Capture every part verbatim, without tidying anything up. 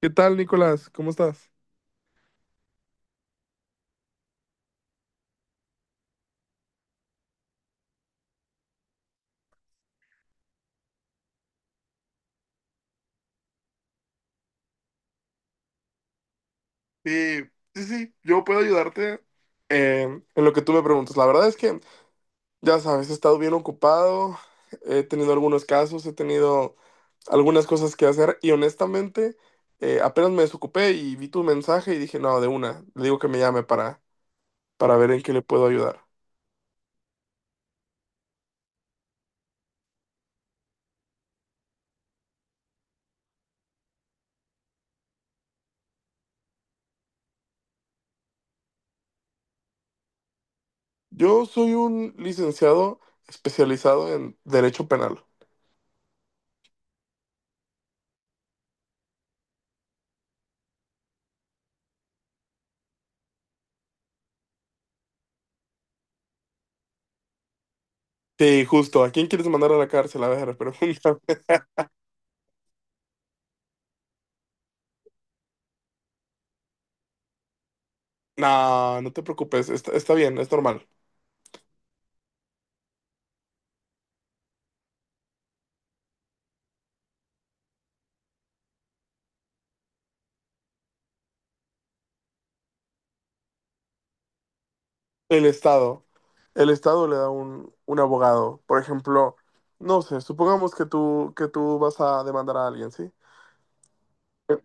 ¿Qué tal, Nicolás? ¿Cómo estás? Sí, sí, sí, yo puedo ayudarte eh, en lo que tú me preguntas. La verdad es que, ya sabes, he estado bien ocupado, he tenido algunos casos, he tenido algunas cosas que hacer y honestamente eh, apenas me desocupé y vi tu mensaje y dije, no, de una, le digo que me llame para, para ver en qué le puedo ayudar. Yo soy un licenciado especializado en Derecho Penal. Sí, justo, ¿a quién quieres mandar a la cárcel? A ver, pregunta. No, no te preocupes, está, está bien, es normal. El Estado, el Estado le da un, un abogado. Por ejemplo, no sé, supongamos que tú, que tú vas a demandar a alguien, ¿sí?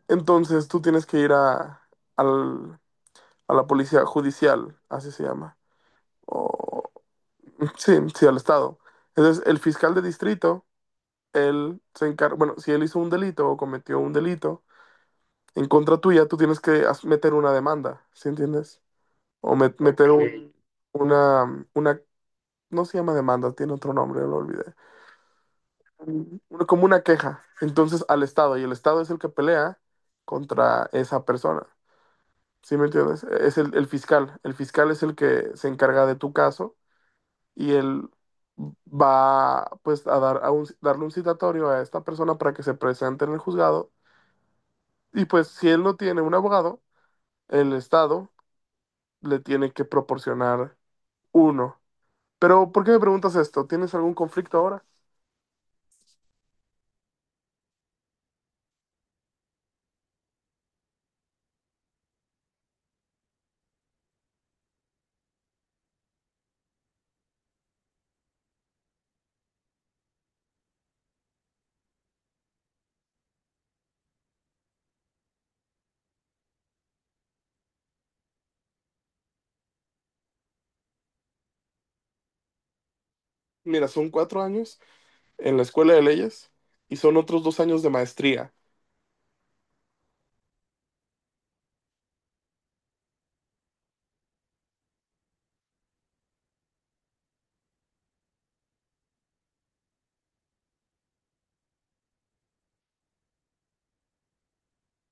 Entonces tú tienes que ir a, al- a la policía judicial, así se llama. O, sí, sí, al Estado. Entonces el fiscal de distrito, él se encarga, bueno, si él hizo un delito o cometió un delito en contra tuya, tú tienes que as- meter una demanda, ¿sí entiendes? O me- meter. Ok. un- una, una, no se llama demanda, tiene otro nombre, lo olvidé. Un- Como una queja. Entonces al Estado, y el Estado es el que pelea contra esa persona. ¿Sí me entiendes? E, Es el, el fiscal. El fiscal es el que se encarga de tu caso y él va pues a dar a un- darle un citatorio a esta persona para que se presente en el juzgado. Y pues si él no tiene un abogado, el Estado le tiene que proporcionar uno. Pero, ¿por qué me preguntas esto? ¿Tienes algún conflicto ahora? Mira, son cuatro años en la escuela de leyes y son otros dos años de maestría.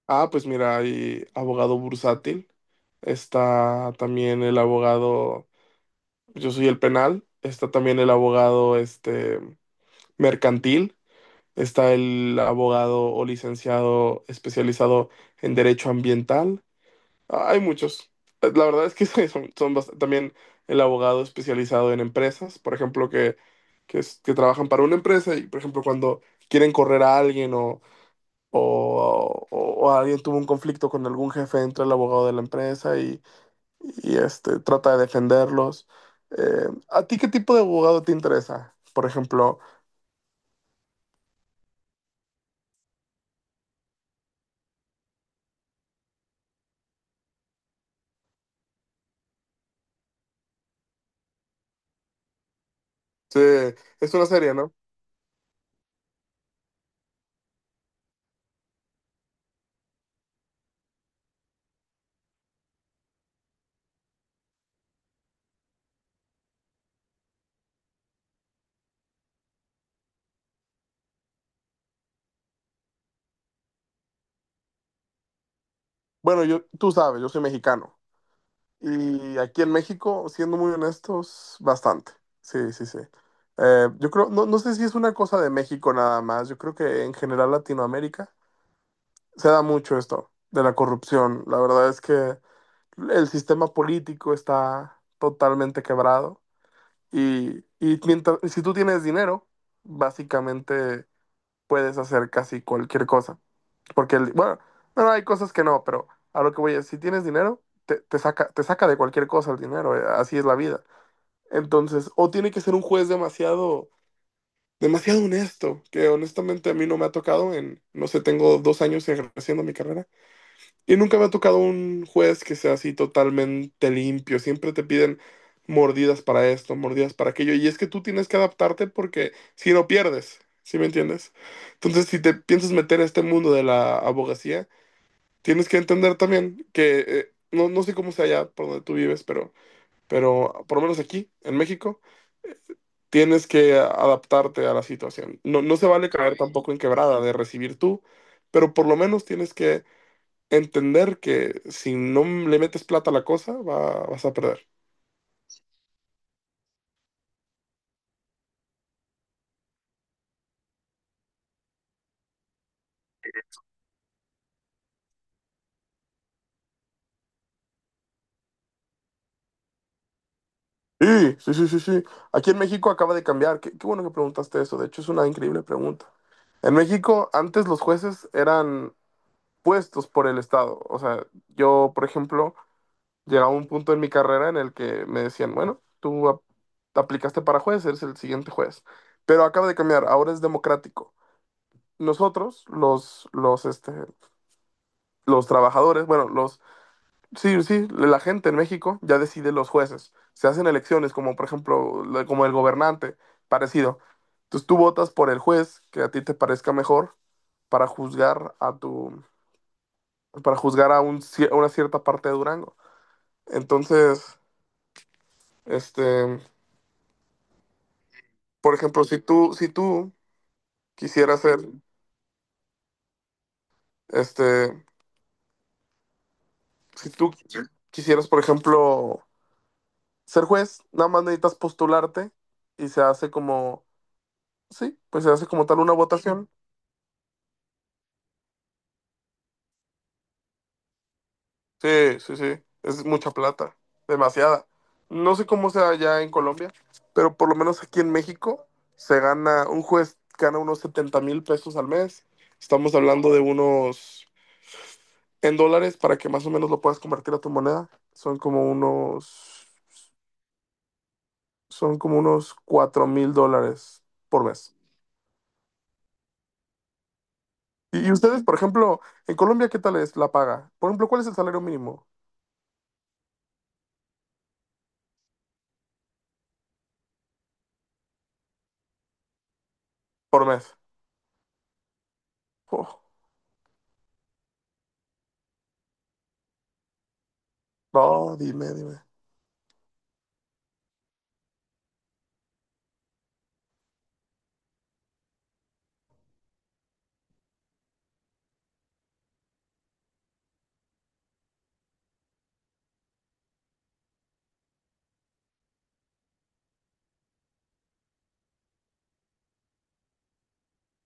Ah, pues mira, hay abogado bursátil, está también el abogado, yo soy el penal, está también el abogado este mercantil, está el abogado o licenciado especializado en derecho ambiental. Ah, hay muchos. Eh, La verdad es que son, son bast- también el abogado especializado en empresas, por ejemplo, que, que, es- que trabajan para una empresa y, por ejemplo, cuando quieren correr a alguien o, o, o- o alguien tuvo un conflicto con algún jefe, entra el abogado de la empresa y, y, este, trata de defenderlos. Eh, ¿a ti qué tipo de abogado te interesa? Por ejemplo, sí, es una serie, ¿no? Bueno, yo, tú sabes, yo soy mexicano. Y aquí en México, siendo muy honestos, bastante. Sí, sí, sí. Eh, yo creo, no, no sé si es una cosa de México nada más, yo creo que en general Latinoamérica se da mucho esto de la corrupción. La verdad es que el sistema político está totalmente quebrado y, y mientras, si tú tienes dinero, básicamente puedes hacer casi cualquier cosa. Porque, el- bueno, no, no, hay cosas que no, pero a lo que voy es, si tienes dinero, te, te saca, te saca de cualquier cosa el dinero, eh, así es la vida. Entonces, o tiene que ser un juez demasiado, demasiado honesto, que honestamente a mí no me ha tocado en, no sé, tengo dos años ejerciendo mi carrera, y nunca me ha tocado un juez que sea así totalmente limpio, siempre te piden mordidas para esto, mordidas para aquello, y es que tú tienes que adaptarte porque si no pierdes, ¿sí me entiendes? Entonces, si te piensas meter a este mundo de la abogacía, tienes que entender también que eh, no, no sé cómo sea allá por donde tú vives, pero, pero por lo menos aquí, en México, eh, tienes que adaptarte a la situación. No, no se vale caer tampoco en quebrada de recibir tú, pero por lo menos tienes que entender que si no le metes plata a la cosa, va- vas a perder. Sí, sí, sí, sí, sí. Aquí en México acaba de cambiar. Qué, qué bueno que preguntaste eso. De hecho, es una increíble pregunta. En México, antes los jueces eran puestos por el Estado. O sea, yo, por ejemplo, llegaba un punto en mi carrera en el que me decían, bueno, tú ap- aplicaste para juez, eres el siguiente juez. Pero acaba de cambiar, ahora es democrático. Nosotros, los, los, este, los trabajadores, bueno, los, sí, sí, la gente en México ya decide los jueces. Se hacen elecciones, como por ejemplo, la- como el gobernante, parecido. Entonces tú votas por el juez que a ti te parezca mejor para juzgar a tu, para juzgar a un, cier- a una cierta parte de Durango. Entonces, este, por ejemplo, si tú, si tú quisieras ser, este, si tú quisieras, por ejemplo, ser juez, nada más necesitas postularte y se hace como, sí, pues se hace como tal una votación. Sí, sí, sí, es mucha plata, demasiada. No sé cómo sea allá en Colombia, pero por lo menos aquí en México se gana, un juez gana unos setenta mil pesos al mes. Estamos hablando de unos, en dólares, para que más o menos lo puedas convertir a tu moneda, son como unos... son como unos cuatro mil dólares por mes. Y, y ustedes, por ejemplo, en Colombia, ¿qué tal es la paga? Por ejemplo, ¿cuál es el salario mínimo por mes? Oh, no, dime, dime.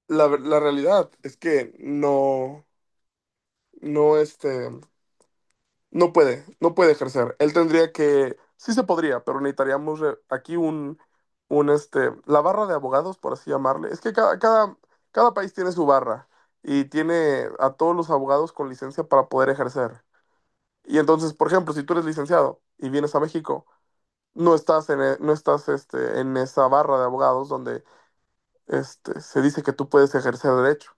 La, ver- la realidad es que no, no, este, no puede, no puede ejercer. Él tendría que, sí se podría, pero necesitaríamos re- aquí un, un, este, la barra de abogados, por así llamarle. Es que cada, cada, cada país tiene su barra y tiene a todos los abogados con licencia para poder ejercer. Y entonces, por ejemplo, si tú eres licenciado y vienes a México, no estás en, e- no estás este, en esa barra de abogados donde este, se dice que tú puedes ejercer derecho.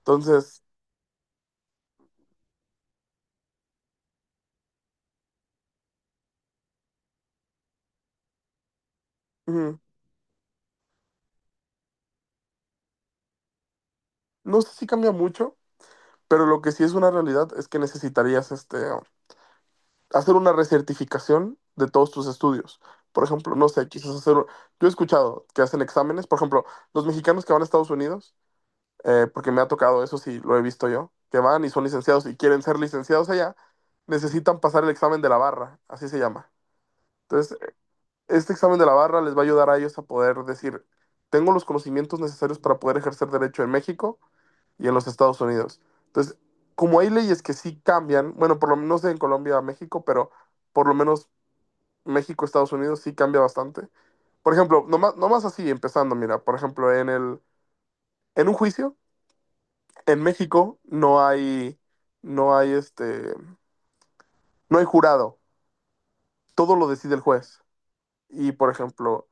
Entonces, mm, no sé si cambia mucho, pero lo que sí es una realidad es que necesitarías este, hacer una recertificación de todos tus estudios. Por ejemplo, no sé, quizás hacer... Yo he escuchado que hacen exámenes, por ejemplo, los mexicanos que van a Estados Unidos eh, porque me ha tocado, eso sí, lo he visto yo, que van y son licenciados y quieren ser licenciados allá, necesitan pasar el examen de la barra, así se llama. Entonces, este examen de la barra les va a ayudar a ellos a poder decir, tengo los conocimientos necesarios para poder ejercer derecho en México y en los Estados Unidos. Entonces, como hay leyes que sí cambian, bueno, por lo menos en Colombia a México, pero por lo menos México, Estados Unidos sí cambia bastante. Por ejemplo, nomás, nomás así, empezando, mira, por ejemplo, en el, en un juicio, en México no hay, no hay este, no hay jurado. Todo lo decide el juez. Y por ejemplo,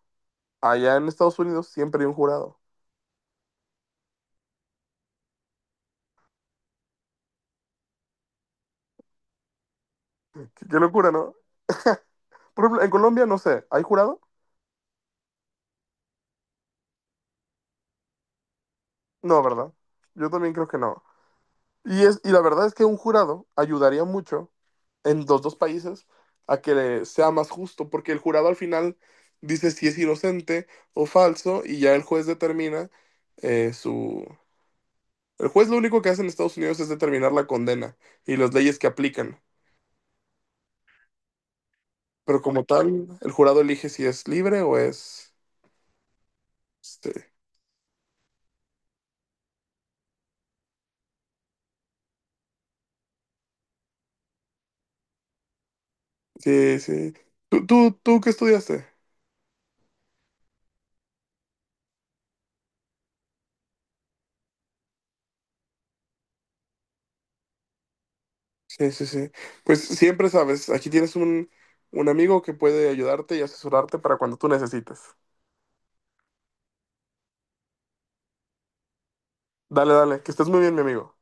allá en Estados Unidos siempre hay un jurado. Qué, qué locura, ¿no? Por ejemplo, en Colombia no sé, ¿hay jurado? No, ¿verdad? Yo también creo que no. Y es, y la verdad es que un jurado ayudaría mucho en los dos países a que sea más justo, porque el jurado al final dice si es inocente o falso y ya el juez determina eh, su El juez lo único que hace en Estados Unidos es determinar la condena y las leyes que aplican. Pero como tal, el jurado elige si es libre o es... Este, sí, sí. ¿Tú, tú, tú qué estudiaste? Sí, sí, sí. Pues siempre sabes, aquí tienes un, un amigo que puede ayudarte y asesorarte para cuando tú necesites. Dale, dale, que estés muy bien, mi amigo.